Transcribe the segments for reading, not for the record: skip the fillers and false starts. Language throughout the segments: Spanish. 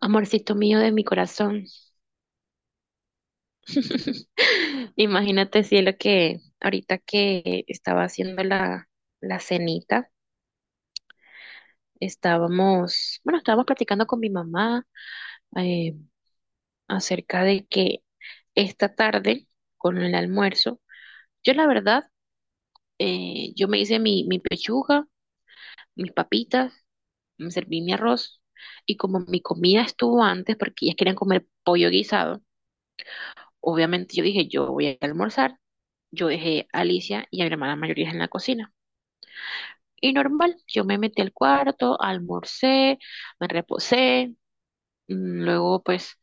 Amorcito mío de mi corazón. Imagínate, cielo, que ahorita que estaba haciendo la cenita, estábamos, bueno, estábamos platicando con mi mamá eh, acerca de que esta tarde, con el almuerzo, yo la verdad, yo me hice mi pechuga, mis papitas, me serví mi arroz, y como mi comida estuvo antes, porque ellas querían comer pollo guisado, obviamente yo dije, yo voy a almorzar. Yo dejé a Alicia y a mi hermana mayor en la cocina. Y normal, yo me metí al cuarto, almorcé, me reposé. Luego, pues,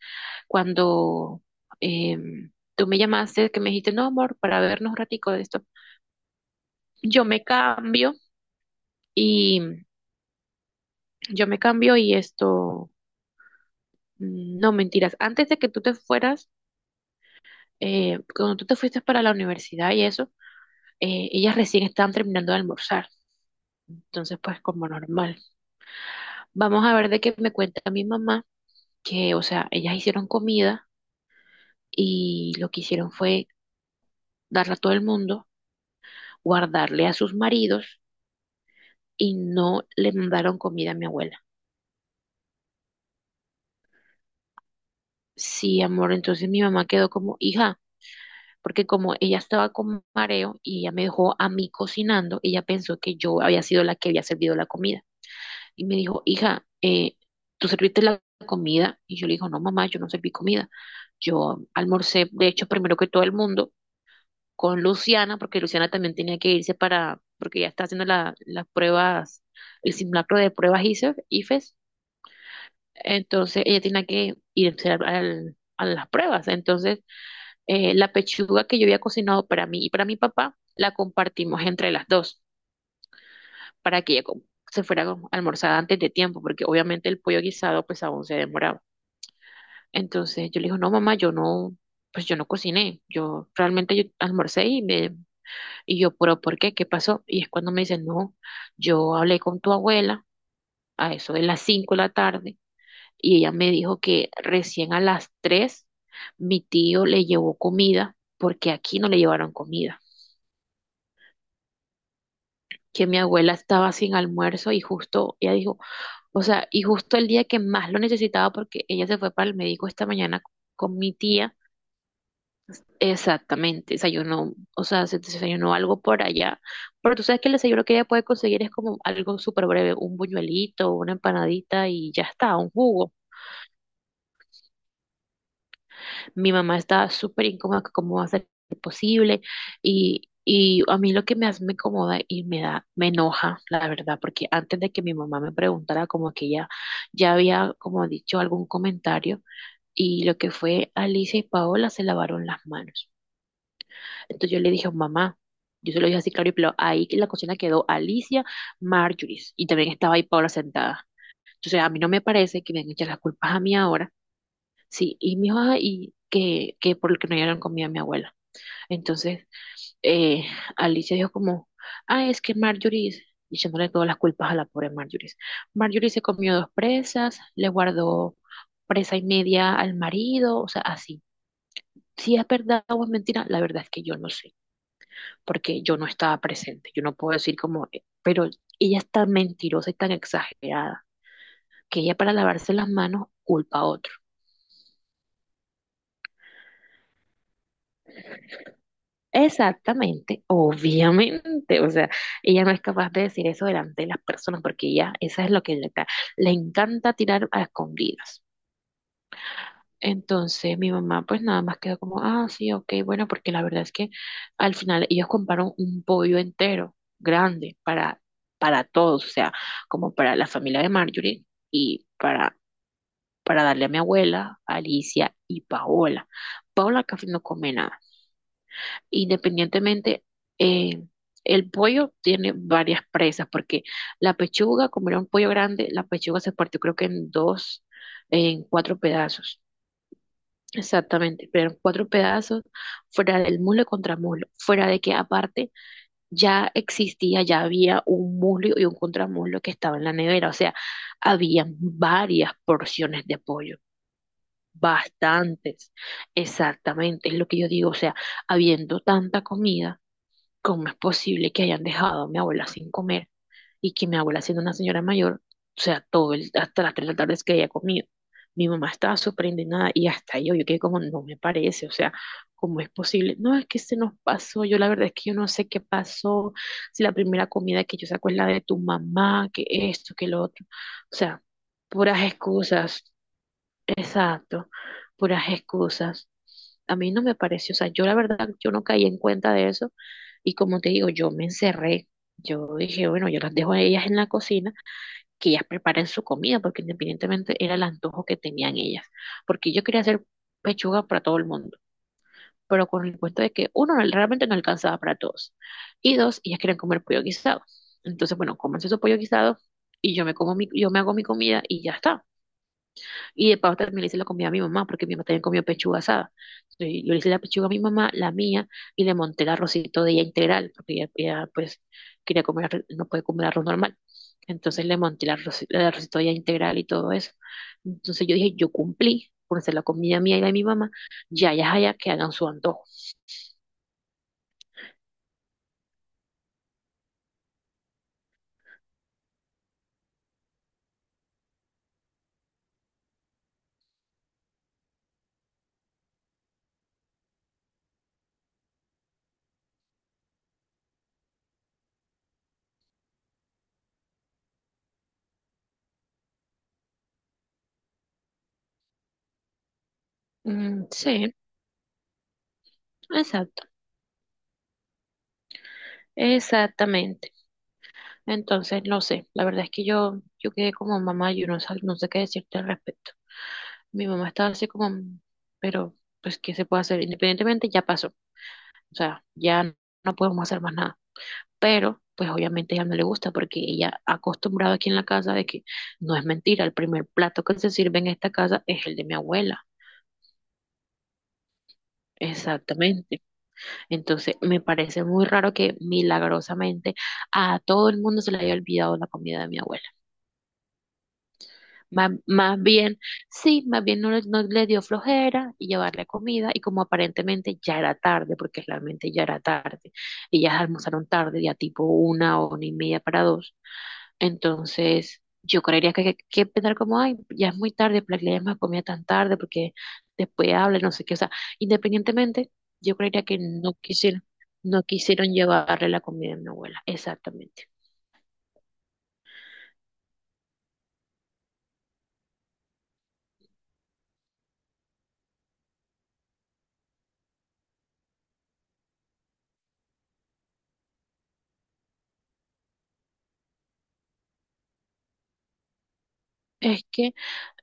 cuando tú me llamaste, que me dijiste, no, amor, para vernos un ratico de esto, yo me cambio y yo me cambio y esto, no mentiras, antes de que tú te fueras, cuando tú te fuiste para la universidad y eso, ellas recién estaban terminando de almorzar. Entonces, pues como normal. Vamos a ver de qué me cuenta mi mamá, que, o sea, ellas hicieron comida y lo que hicieron fue darla a todo el mundo, guardarle a sus maridos y no le mandaron comida a mi abuela. Sí, amor, entonces mi mamá quedó como hija, porque como ella estaba con mareo y ella me dejó a mí cocinando, ella pensó que yo había sido la que había servido la comida. Y me dijo, hija, ¿tú serviste la comida? Y yo le digo, no, mamá, yo no serví comida. Yo almorcé, de hecho, primero que todo el mundo, con Luciana, porque Luciana también tenía que irse para, porque ella está haciendo las pruebas, el simulacro de pruebas ICEF, IFES, entonces ella tenía que irse a las pruebas. Entonces, la pechuga que yo había cocinado para mí y para mi papá, la compartimos entre las dos, para que se fuera a almorzar antes de tiempo, porque obviamente el pollo guisado pues aún se demoraba. Entonces yo le digo, no mamá, yo no, pues yo no cociné, yo realmente yo almorcé y yo, pero ¿por qué? ¿Qué pasó? Y es cuando me dice, no, yo hablé con tu abuela a eso de las 5 de la tarde y ella me dijo que recién a las 3 mi tío le llevó comida porque aquí no le llevaron comida, que mi abuela estaba sin almuerzo y justo ella dijo, o sea, y justo el día que más lo necesitaba porque ella se fue para el médico esta mañana con mi tía. Exactamente, desayunó, o sea, se desayunó algo por allá. Pero tú sabes que el desayuno que ella puede conseguir es como algo súper breve, un buñuelito, una empanadita y ya está, un jugo. Mi mamá está súper incómoda, que cómo va a ser posible. Y a mí lo que me incomoda y me me enoja, la verdad, porque antes de que mi mamá me preguntara, como que ella ya había como dicho algún comentario. Y lo que fue Alicia y Paola se lavaron las manos. Entonces yo le dije, mamá, yo se lo dije así claro y pero ahí en la cocina quedó Alicia, Marjorie, y también estaba ahí Paola sentada. Entonces a mí no me parece que me han hecho las culpas a mí ahora. Sí, y mi hija, que por lo que no dieron comida a mi abuela. Entonces eh, Alicia dijo como, ah, es que Marjorie, y echándole todas las culpas a la pobre Marjorie. Marjorie se comió dos presas, le guardó presa y media al marido, o sea, así. Si es verdad o es mentira, la verdad es que yo no sé, porque yo no estaba presente. Yo no puedo decir como, pero ella es tan mentirosa y tan exagerada que ella para lavarse las manos culpa a otro. Exactamente, obviamente, o sea, ella no es capaz de decir eso delante de las personas porque esa es lo que le encanta tirar a escondidas. Entonces mi mamá pues nada más quedó como, ah, sí, ok, bueno, porque la verdad es que al final ellos compraron un pollo entero, grande, para todos, o sea, como para la familia de Marjorie y para darle a mi abuela, Alicia y Paola. Paola casi no come nada. Independientemente, eh, el pollo tiene varias presas, porque la pechuga, como era un pollo grande, la pechuga se partió creo que en dos, en cuatro pedazos. Exactamente, pero eran cuatro pedazos fuera del muslo y contramuslo, fuera de que aparte ya existía, ya había un muslo y un contramuslo que estaba en la nevera, o sea, había varias porciones de pollo, bastantes, exactamente, es lo que yo digo, o sea, habiendo tanta comida, ¿cómo es posible que hayan dejado a mi abuela sin comer y que mi abuela siendo una señora mayor, o sea, todo el, hasta las tres de la tarde es que haya comido? Mi mamá estaba súper indignada y hasta yo quedé como, no me parece, o sea, ¿cómo es posible? No, es que se nos pasó, yo la verdad es que yo no sé qué pasó, si la primera comida que yo saco es la de tu mamá, que esto, que lo otro, o sea, puras excusas. Exacto, puras excusas. A mí no me pareció, o sea, yo la verdad, yo no caí en cuenta de eso y como te digo, yo me encerré, yo dije, bueno, yo las dejo a ellas en la cocina, que ellas preparen su comida, porque independientemente era el antojo que tenían ellas, porque yo quería hacer pechuga para todo el mundo, pero con el cuento de que uno no- realmente no alcanzaba para todos y dos, ellas querían comer pollo guisado. Entonces, bueno, cómanse su pollo guisado y yo me como mi, yo me hago mi comida y ya está. Y de paso también le hice la comida a mi mamá, porque mi mamá también comió pechuga asada. Entonces, yo le hice la pechuga a mi mamá, la mía, y le monté el arrocito de ella integral, porque ella, pues quería comer, no puede comer arroz normal. Entonces le monté el arrocito de ella integral y todo eso. Entonces yo dije, yo cumplí por hacer la comida mía y la de mi mamá, ya, que hagan su antojo. Mm, sí, exacto, exactamente. Entonces, no sé, la verdad es que yo quedé como mamá, yo no, sab- no sé qué decirte al respecto. Mi mamá estaba así como, pero pues, ¿qué se puede hacer? Independientemente, ya pasó. O sea, no podemos hacer más nada. Pero, pues obviamente a ella no le gusta porque ella acostumbrada aquí en la casa de que no es mentira, el primer plato que se sirve en esta casa es el de mi abuela. Exactamente. Entonces, me parece muy raro que milagrosamente a todo el mundo se le haya olvidado la comida de mi abuela. Más bien, sí, más bien no, le no le dio flojera y llevarle comida y como aparentemente ya era tarde, porque realmente ya era tarde, ellas almorzaron tarde, ya tipo una o una y media para dos, entonces yo creería que que pensar como, ay, ya es muy tarde, para que le den más comida tan tarde, porque después habla, no sé qué, o sea, independientemente, yo creería que no quisieron, no quisieron llevarle la comida a mi abuela, exactamente. Es que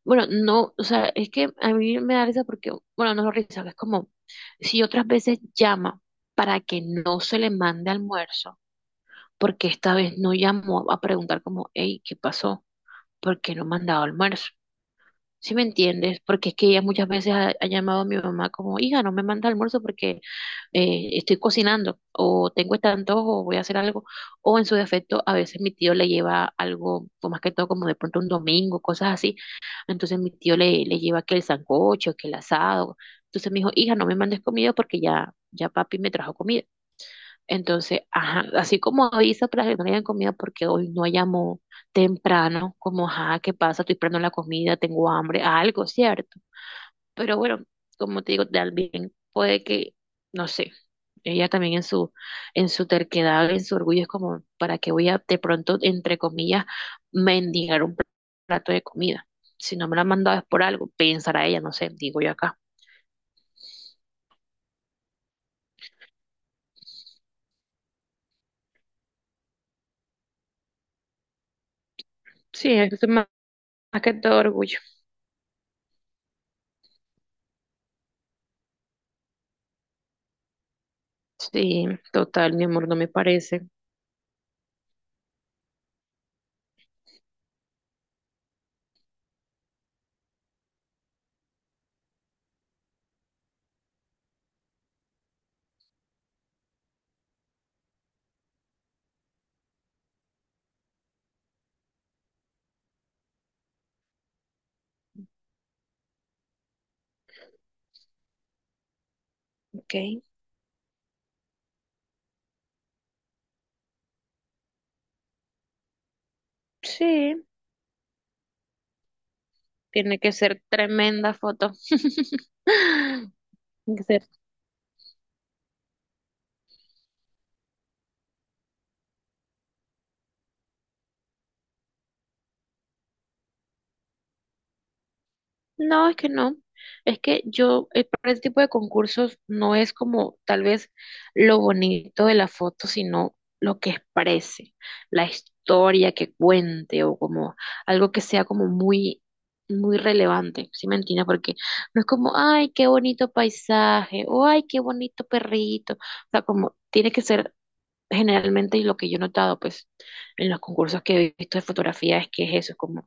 Bueno, no, o sea, es que a mí me da risa porque, bueno, no es risa, es como si otras veces llama para que no se le mande almuerzo, porque esta vez no llamó a preguntar como, hey, ¿qué pasó? ¿Por qué no me han dado almuerzo? ¿Sí me entiendes? Porque es que ella muchas veces ha llamado a mi mamá como, hija, no me manda almuerzo porque estoy cocinando, o tengo este antojo, o voy a hacer algo, o en su defecto, a veces mi tío le lleva algo, o más que todo como de pronto un domingo, cosas así, entonces mi tío le lleva que el sancocho, que el asado. Entonces me dijo, hija, no me mandes comida porque ya papi me trajo comida. Entonces, ajá, así como avisa para que no le hayan comida porque hoy no llamó temprano, como, ajá, ¿qué pasa? Estoy esperando la comida, tengo hambre, algo, ¿cierto? Pero bueno, como te digo, también puede que, no sé, ella también en en su terquedad, en su orgullo, es como, ¿para qué voy a de pronto, entre comillas, mendigar un plato de comida? Si no me la han mandado es por algo, pensará ella, no sé, digo yo acá. Sí, es más, más que todo orgullo. Sí, total, mi amor, no me parece. Ok, sí, tiene que ser tremenda foto. Tiene que ser no, es que no. Es que yo, para este tipo de concursos no es como tal vez lo bonito de la foto, sino lo que exprese, la historia que cuente o como algo que sea como muy, muy relevante, ¿sí me entiendes? Porque no es como, ay, qué bonito paisaje o ay, qué bonito perrito. O sea, como tiene que ser generalmente y lo que yo he notado, pues, en los concursos que he visto de fotografía es que es eso, es como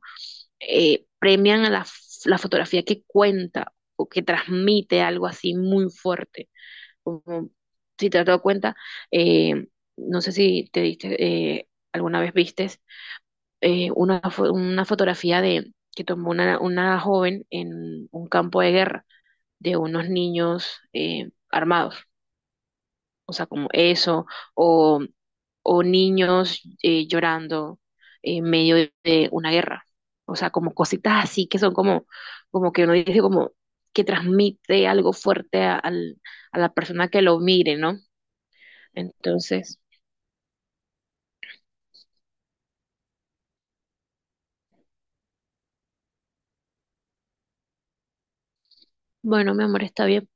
premian a la fotografía que cuenta o que transmite algo así muy fuerte. Como, si te has dado cuenta, eh, no sé si te diste, alguna vez vistes una fotografía de que tomó una joven en un campo de guerra de unos niños armados. O sea, como eso, o, o niños llorando en medio de una guerra. O sea, como cositas así que son como, como que uno dice como que transmite algo fuerte al- a la persona que lo mire, ¿no? Entonces, bueno, mi amor, está bien.